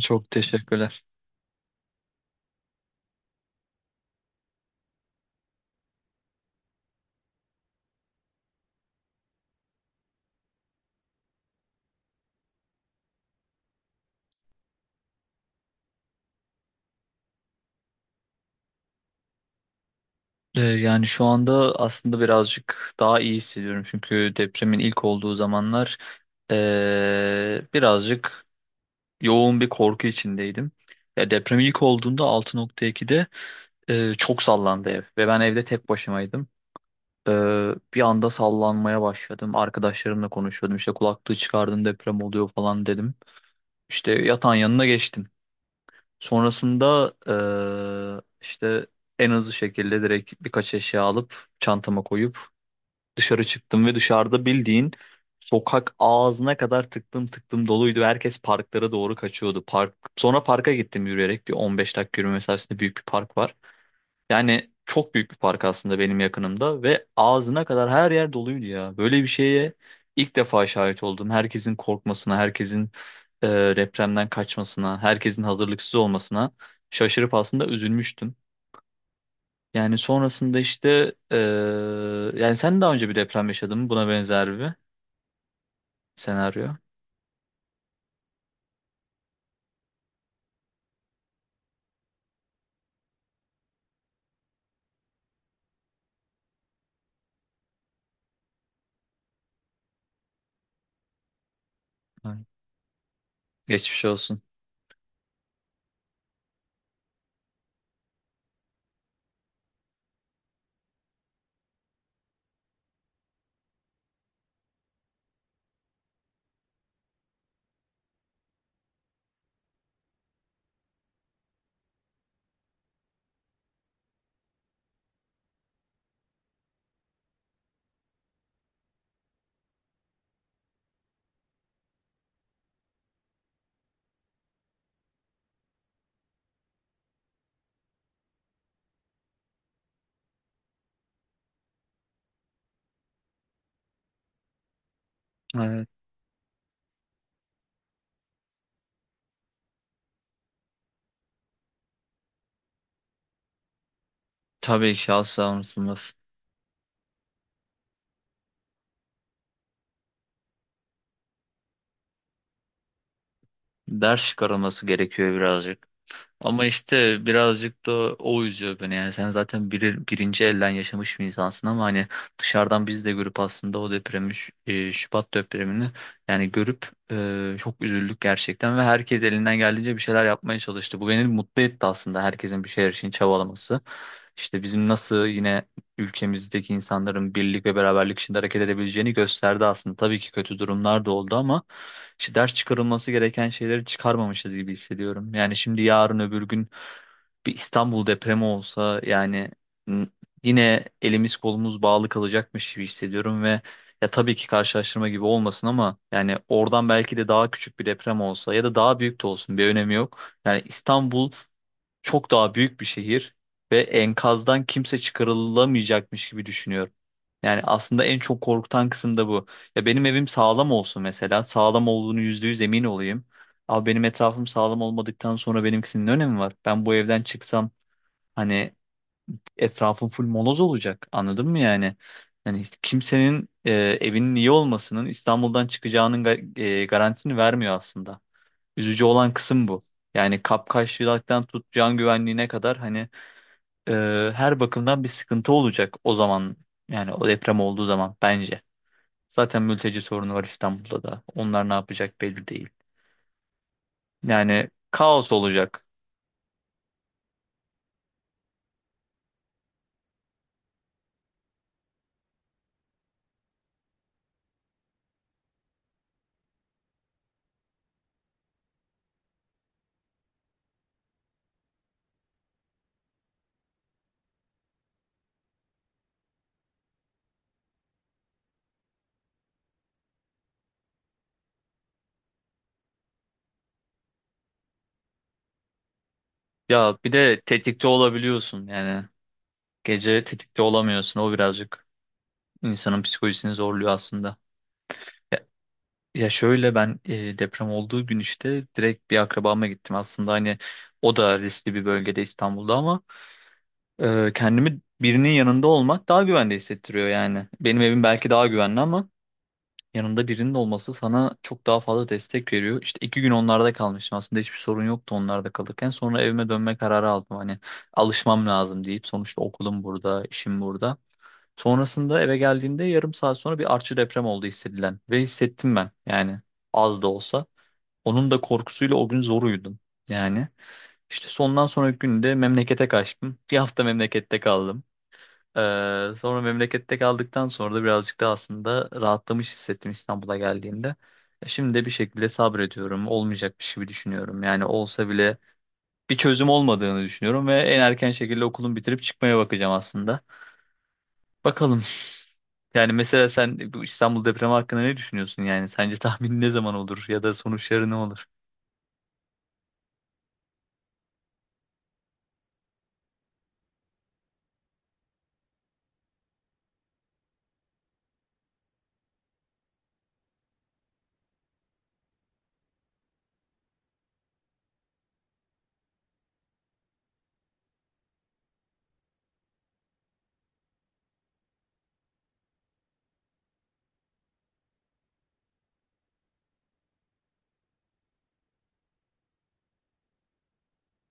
Çok teşekkürler. Yani şu anda aslında birazcık daha iyi hissediyorum. Çünkü depremin ilk olduğu zamanlar birazcık yoğun bir korku içindeydim. Ya deprem ilk olduğunda 6,2'de çok sallandı ev ve ben evde tek başımaydım. Bir anda sallanmaya başladım. Arkadaşlarımla konuşuyordum. İşte kulaklığı çıkardım, deprem oluyor falan dedim. İşte yatağın yanına geçtim. Sonrasında işte en hızlı şekilde direkt birkaç eşya alıp çantama koyup dışarı çıktım ve dışarıda bildiğin sokak ağzına kadar tıktım tıktım doluydu. Herkes parklara doğru kaçıyordu. Sonra parka gittim, yürüyerek bir 15 dakika yürüme mesafesinde büyük bir park var. Yani çok büyük bir park aslında benim yakınımda ve ağzına kadar her yer doluydu ya. Böyle bir şeye ilk defa şahit oldum. Herkesin korkmasına, herkesin e, depremden kaçmasına, herkesin hazırlıksız olmasına şaşırıp aslında üzülmüştüm. Yani sonrasında işte yani sen daha önce bir deprem yaşadın mı? Buna benzer bir senaryo. Evet. Geçmiş olsun. Evet. Tabii ki asla unutulmaz. Ders çıkarılması gerekiyor birazcık. Ama işte birazcık da o üzüyor beni, yani sen zaten birinci elden yaşamış bir insansın ama hani dışarıdan biz de görüp aslında o depremi Şubat depremini yani görüp çok üzüldük gerçekten ve herkes elinden geldiğince bir şeyler yapmaya çalıştı. Bu beni mutlu etti aslında, herkesin bir şeyler için çabalaması. İşte bizim nasıl yine ülkemizdeki insanların birlik ve beraberlik içinde hareket edebileceğini gösterdi aslında. Tabii ki kötü durumlar da oldu ama işte ders çıkarılması gereken şeyleri çıkarmamışız gibi hissediyorum. Yani şimdi yarın öbür gün bir İstanbul depremi olsa, yani n- yine elimiz kolumuz bağlı kalacakmış gibi hissediyorum ve ya tabii ki karşılaştırma gibi olmasın ama yani oradan belki de daha küçük bir deprem olsa ya da daha büyük de olsun bir önemi yok. Yani İstanbul çok daha büyük bir şehir ve enkazdan kimse çıkarılamayacakmış gibi düşünüyorum. Yani aslında en çok korkutan kısım da bu. Ya benim evim sağlam olsun mesela. Sağlam olduğunu %100 emin olayım. Ama benim etrafım sağlam olmadıktan sonra benimkisinin ne önemi var? Ben bu evden çıksam hani etrafım full moloz olacak. Anladın mı yani? Yani hiç kimsenin evinin iyi olmasının İstanbul'dan çıkacağının garantisini vermiyor aslında. Üzücü olan kısım bu. Yani kapkaççılıktan tut can güvenliğine kadar hani e, her bakımdan bir sıkıntı olacak o zaman. Yani o deprem olduğu zaman bence. Zaten mülteci sorunu var İstanbul'da da. Onlar ne yapacak belli değil. Yani kaos olacak. Ya bir de tetikte olabiliyorsun yani. Gece tetikte olamıyorsun. O birazcık insanın psikolojisini zorluyor aslında. Ya, ya şöyle, ben deprem olduğu gün işte direkt bir akrabama gittim. Aslında hani o da riskli bir bölgede İstanbul'da ama kendimi birinin yanında olmak daha güvende hissettiriyor yani. Benim evim belki daha güvenli ama yanında birinin olması sana çok daha fazla destek veriyor. İşte 2 gün onlarda kalmıştım. Aslında hiçbir sorun yoktu onlarda kalırken. Sonra evime dönme kararı aldım. Hani alışmam lazım deyip, sonuçta okulum burada, işim burada. Sonrasında eve geldiğimde yarım saat sonra bir artçı deprem oldu hissedilen. Ve hissettim ben yani, az da olsa. Onun da korkusuyla o gün zor uyudum. Yani işte sondan sonraki günde memlekete kaçtım. Bir hafta memlekette kaldım. Sonra memlekette kaldıktan sonra da birazcık da aslında rahatlamış hissettim İstanbul'a geldiğimde. Şimdi de bir şekilde sabrediyorum. Olmayacakmış gibi düşünüyorum. Yani olsa bile bir çözüm olmadığını düşünüyorum ve en erken şekilde okulumu bitirip çıkmaya bakacağım aslında. Bakalım. Yani mesela sen bu İstanbul depremi hakkında ne düşünüyorsun yani? Sence tahmin ne zaman olur ya da sonuçları ne olur?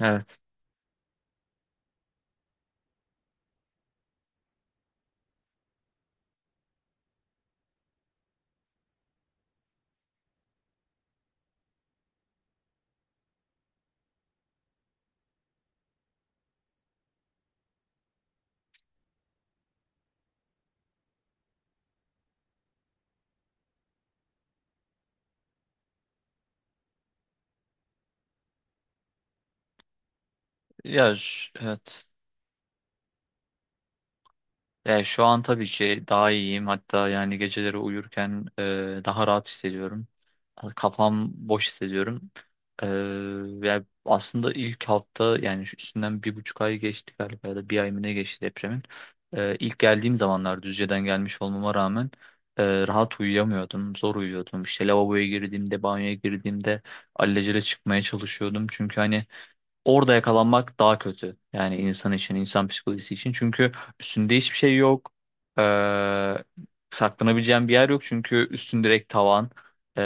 Evet. Ya ş- evet. Yani şu an tabii ki daha iyiyim. Hatta yani geceleri uyurken daha rahat hissediyorum. Hani kafam boş hissediyorum. E, Yani aslında ilk hafta, yani şu üstünden 1,5 ay geçti galiba ya da bir ay mı, ne geçti depremin. İlk geldiğim zamanlar Düzce'den gelmiş olmama rağmen rahat uyuyamıyordum. Zor uyuyordum. İşte lavaboya girdiğimde, banyoya girdiğimde alelacele çıkmaya çalışıyordum. Çünkü hani orada yakalanmak daha kötü. Yani insan için, insan psikolojisi için. Çünkü üstünde hiçbir şey yok. Ee, Saklanabileceğin bir yer yok. Çünkü üstün direkt tavan. Ee,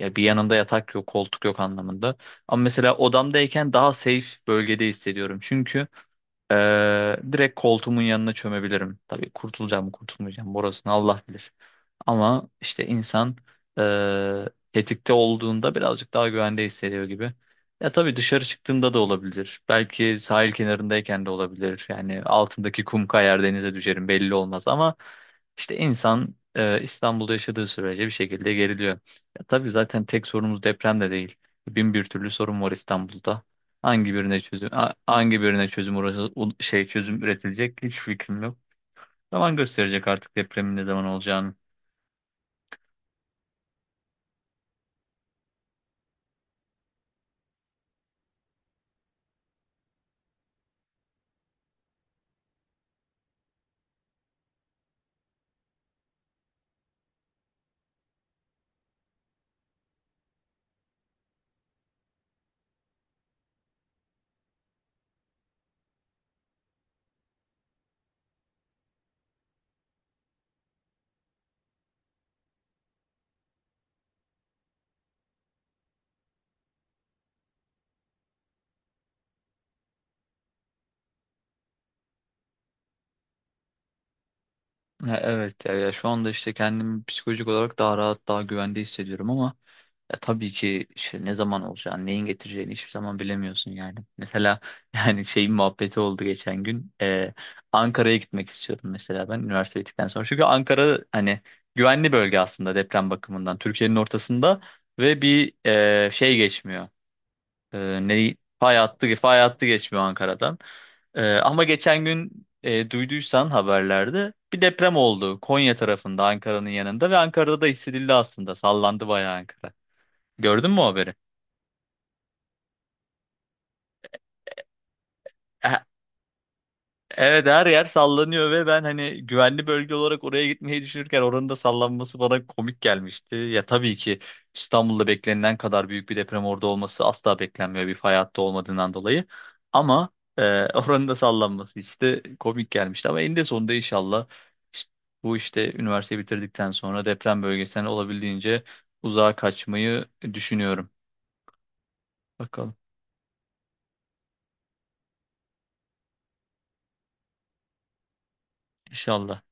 Ya bir yanında yatak yok, koltuk yok anlamında. Ama mesela odamdayken daha safe bölgede hissediyorum. Çünkü direkt koltuğumun yanına çömebilirim. Tabii kurtulacağım mı kurtulmayacağım mı orasını Allah bilir. Ama işte insan ee, tetikte olduğunda birazcık daha güvende hissediyor gibi. Ya tabii dışarı çıktığında da olabilir. Belki sahil kenarındayken de olabilir. Yani altındaki kum kayar, denize düşerim, belli olmaz ama işte insan İstanbul'da yaşadığı sürece bir şekilde geriliyor. Ya tabii zaten tek sorunumuz deprem de değil. Bin bir türlü sorun var İstanbul'da. Hangi birine çözüm hangi birine çözüm çözüm üretilecek hiç fikrim yok. Zaman gösterecek artık depremin ne zaman olacağını. Ha, evet, ya, ya şu anda işte kendimi psikolojik olarak daha rahat, daha güvende hissediyorum ama ya tabii ki işte ne zaman olacağını, neyin getireceğini hiçbir zaman bilemiyorsun yani. Mesela yani şeyin muhabbeti oldu geçen gün. Ankara'ya gitmek istiyordum mesela ben üniversite bittikten sonra. Çünkü Ankara hani güvenli bölge aslında deprem bakımından. Türkiye'nin ortasında ve bir şey geçmiyor. Ne fay hattı, geçmiyor Ankara'dan. Ama geçen gün duyduysan haberlerde bir deprem oldu Konya tarafında, Ankara'nın yanında ve Ankara'da da hissedildi aslında. Sallandı bayağı Ankara. Gördün mü o haberi? E, Evet, her yer sallanıyor ve ben hani güvenli bölge olarak oraya gitmeyi düşünürken oranın da sallanması bana komik gelmişti. Ya tabii ki İstanbul'da beklenilen kadar büyük bir deprem orada olması asla beklenmiyor, bir fay hattı olmadığından dolayı. Ama oranın da sallanması işte komik gelmişti. Ama eninde sonunda inşallah işte bu işte üniversiteyi bitirdikten sonra deprem bölgesinden olabildiğince uzağa kaçmayı düşünüyorum. Bakalım. İnşallah.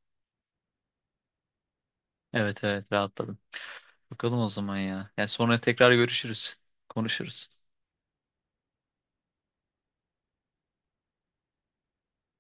Evet, evet, rahatladım. Bakalım o zaman ya. Yani sonra tekrar görüşürüz. Konuşuruz.